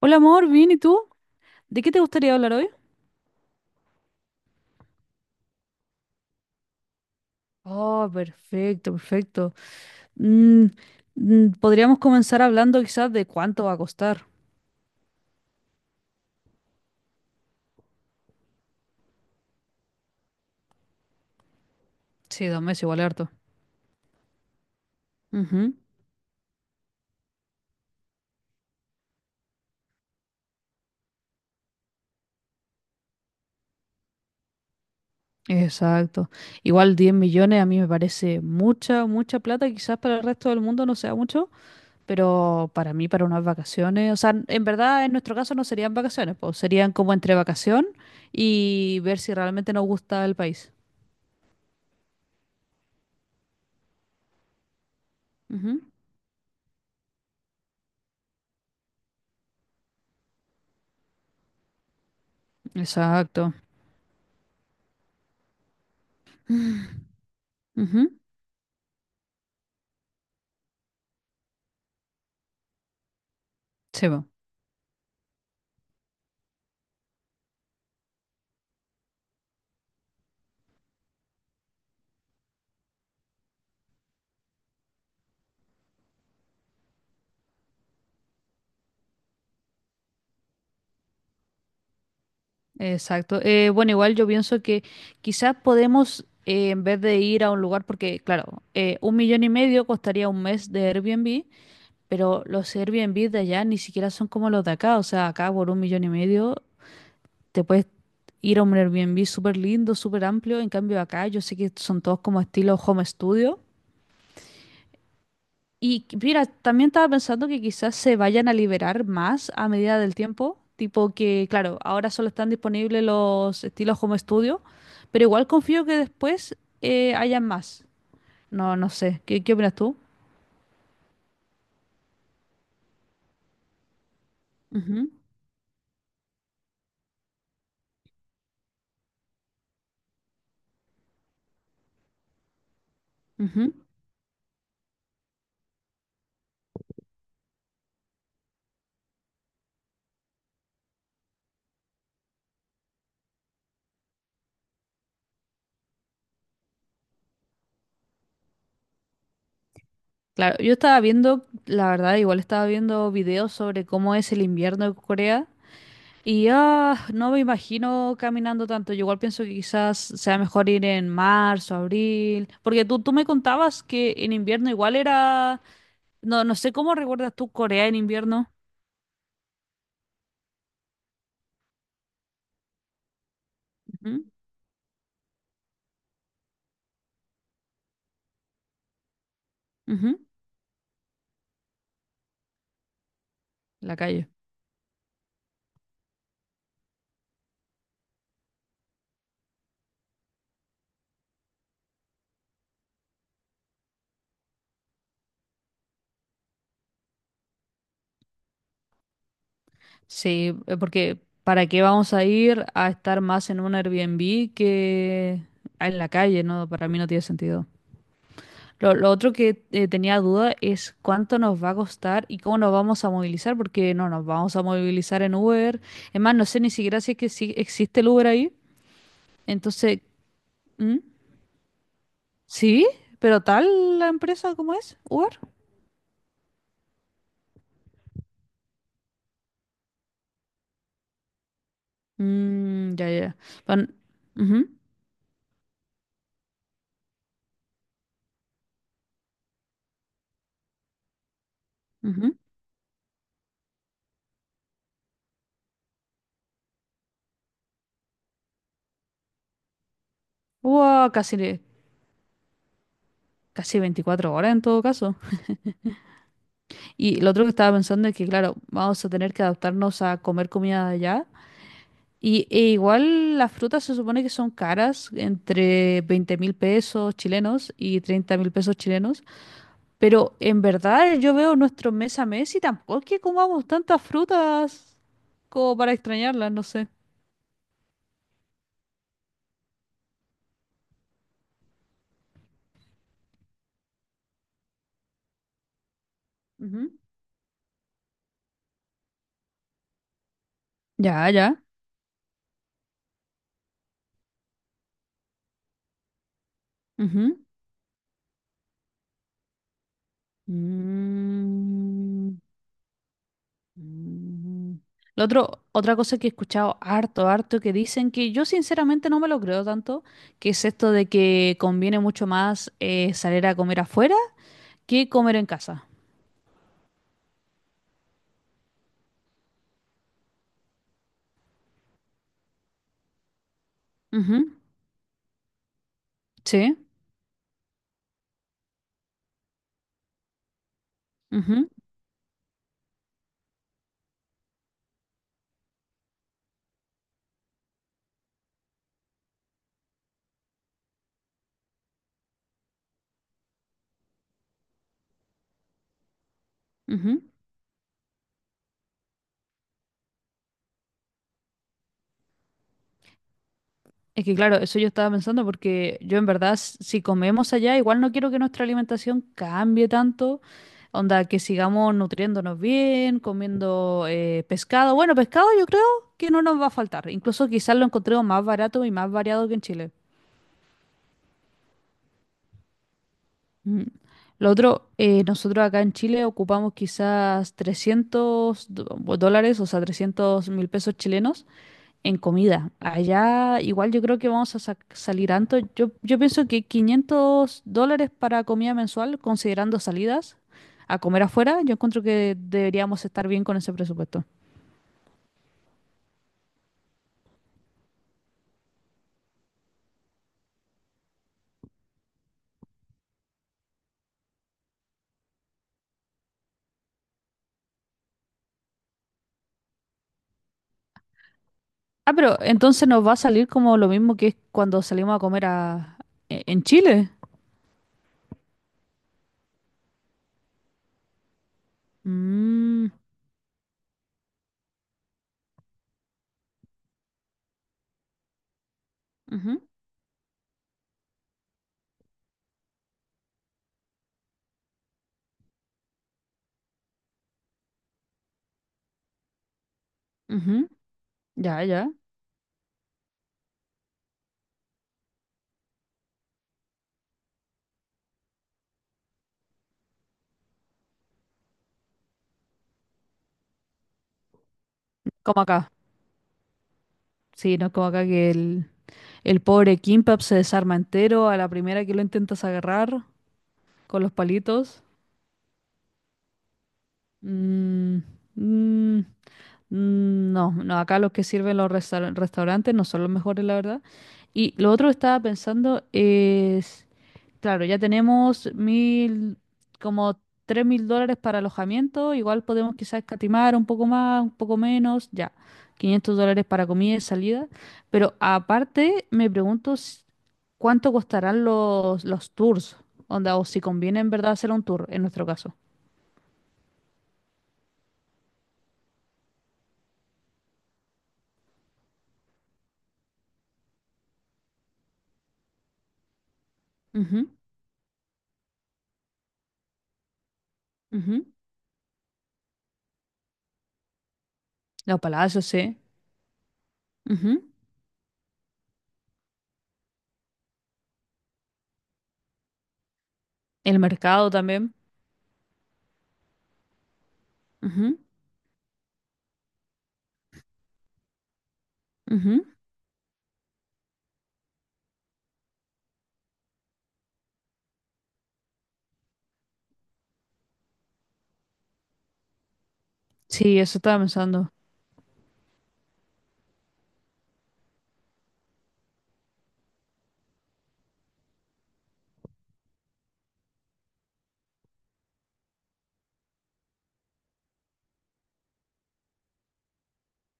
Hola amor, bien, ¿y tú? ¿De qué te gustaría hablar hoy? Oh, perfecto, perfecto. Mm, Podríamos comenzar hablando quizás de cuánto va a costar. Sí, 2 meses igual es harto. Ujú. Exacto. Igual 10 millones a mí me parece mucha, mucha plata. Quizás para el resto del mundo no sea mucho, pero para mí, para unas vacaciones, o sea, en verdad en nuestro caso no serían vacaciones, pues serían como entre vacación y ver si realmente nos gusta el país. Ujú. Exacto. Ujú. Sí, po. Exacto. Bueno, igual yo pienso que quizás podemos, en vez de ir a un lugar, porque claro, un millón y medio costaría un mes de Airbnb, pero los Airbnb de allá ni siquiera son como los de acá. O sea, acá por un millón y medio te puedes ir a un Airbnb súper lindo, súper amplio. En cambio, acá yo sé que son todos como estilo home studio. Y mira, también estaba pensando que quizás se vayan a liberar más a medida del tiempo, tipo que, claro, ahora solo están disponibles los estilos Home Studio, pero igual confío que después hayan más. No, no sé, ¿qué opinas tú? Ujú, ujú. Claro, yo estaba viendo, la verdad, igual estaba viendo videos sobre cómo es el invierno en Corea. Y ah, no me imagino caminando tanto. Yo igual pienso que quizás sea mejor ir en marzo, abril, porque tú me contabas que en invierno igual era... No, no sé cómo recuerdas tú Corea en invierno. Ujú, ujú. La calle. Sí, porque ¿para qué vamos a ir a estar más en un Airbnb que en la calle? No, para mí no tiene sentido. Lo otro que tenía duda es cuánto nos va a costar y cómo nos vamos a movilizar, porque no nos vamos a movilizar en Uber. Es más, no sé ni siquiera si es que sí existe el Uber ahí. Entonces, ¿mm? ¿Sí? ¿Pero tal la empresa como es? ¿Uber? Mm, ya, ya. Pan- Ujú, ujú. Uah, casi 24 horas en todo caso. Y lo otro que estaba pensando es que, claro, vamos a tener que adaptarnos a comer comida de allá. Y igual las frutas se supone que son caras, entre 20.000 pesos chilenos y 30.000 pesos chilenos, pero en verdad yo veo nuestro mes a mes y tampoco es que comamos tantas frutas como para extrañarlas, no sé. Ujú. Ya, ya. Ujú. Mm, mm. Lo otro, otra cosa que he escuchado harto, harto, que dicen que yo sinceramente no me lo creo tanto, que es esto de que conviene mucho más salir a comer afuera. ¿Qué comer en casa? Ujú. Sí. Ujú, ujú. Es que claro, eso yo estaba pensando porque yo en verdad, si comemos allá, igual no quiero que nuestra alimentación cambie tanto. Onda, que sigamos nutriéndonos bien, comiendo pescado. Bueno, pescado yo creo que no nos va a faltar. Incluso quizás lo encontremos más barato y más variado que en Chile. Mm. Lo otro, nosotros acá en Chile ocupamos quizás 300 dólares, o sea, 300.000 pesos chilenos en comida. Allá igual yo creo que vamos a salir antes. Yo pienso que 500 dólares para comida mensual, considerando salidas a comer afuera, yo encuentro que deberíamos estar bien con ese presupuesto. Ah, pero entonces nos va a salir como lo mismo que es cuando salimos a comer en Chile. Mm. Ujú, ujú. Ya, ya. Como acá. Sí, no es como acá que el pobre Kimbap se desarma entero a la primera que lo intentas agarrar con los palitos. Mm, mm, no, no, acá los que sirven los restaurantes no son los mejores, la verdad. Y lo otro que estaba pensando es, claro, ya tenemos mil, como 3.000 dólares para alojamiento, igual podemos quizás escatimar un poco más, un poco menos, ya, 500 dólares para comida y salida. Pero aparte, me pregunto cuánto costarán los tours, onda, o si conviene en verdad hacer un tour, en nuestro caso. Ujú, ujú. Los palacios, sí. Ujú. El mercado también. Ujú, ujú. Sí, eso estaba pensando.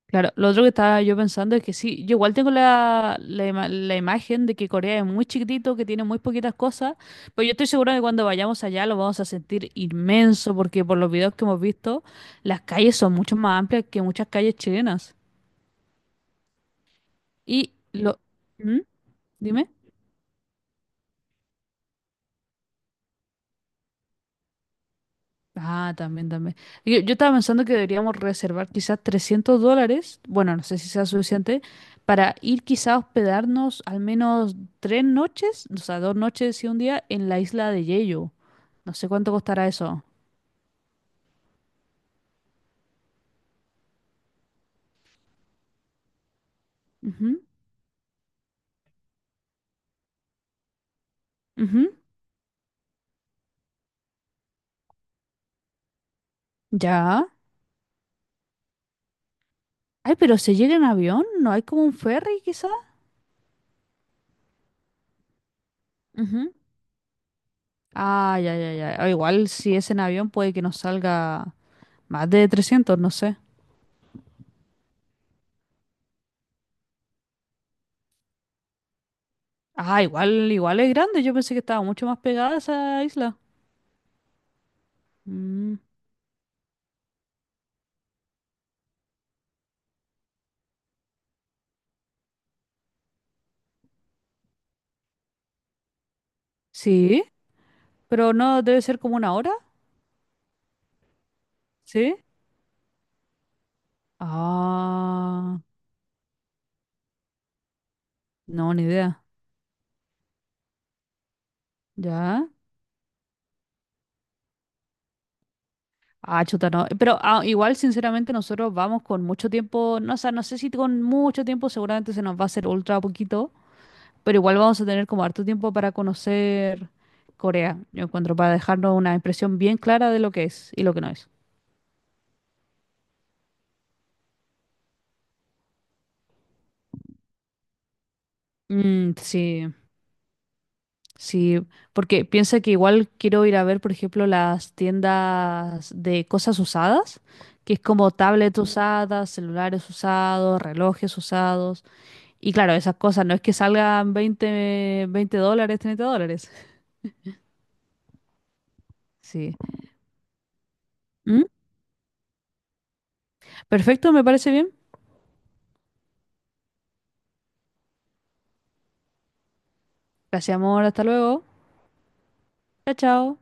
Claro, lo otro que estaba yo pensando es que sí, yo igual tengo la imagen de que Corea es muy chiquitito, que tiene muy poquitas cosas, pero yo estoy segura de que cuando vayamos allá lo vamos a sentir inmenso, porque por los videos que hemos visto, las calles son mucho más amplias que muchas calles chilenas. Y lo... ¿Mm? Dime. Ah, también, también. Yo estaba pensando que deberíamos reservar quizás 300 dólares, bueno, no sé si sea suficiente, para ir quizás a hospedarnos al menos 3 noches, o sea, 2 noches y un día en la isla de Jeju. No sé cuánto costará eso. Ujú, ujú. Ya. Ay, pero se llega en avión, ¿no hay como un ferry quizá. Ujú. Ah, ya, ya, ya. Ah, igual si es en avión puede que nos salga más de 300, no sé. Ah, igual es grande, yo pensé que estaba mucho más pegada esa isla. Mm, sí, pero no debe ser como una hora, ¿sí? Ah, no, ni idea. Ya. Ah, chuta, no. Pero ah, igual, sinceramente, nosotros vamos con mucho tiempo, no, o sea, no sé si con mucho tiempo, seguramente se nos va a hacer ultra poquito, pero igual vamos a tener como harto tiempo para conocer Corea, yo encuentro, para dejarnos una impresión bien clara de lo que es y lo que no es. Mm. Sí, sí, porque piensa que igual quiero ir a ver, por ejemplo, las tiendas de cosas usadas, que es como tablets usadas, celulares usados, relojes usados. Y claro, esas cosas no es que salgan veinte dólares, 30 dólares. Sí. ¿Mm? Perfecto, me parece bien. Gracias, amor. Hasta luego. Chao, chao.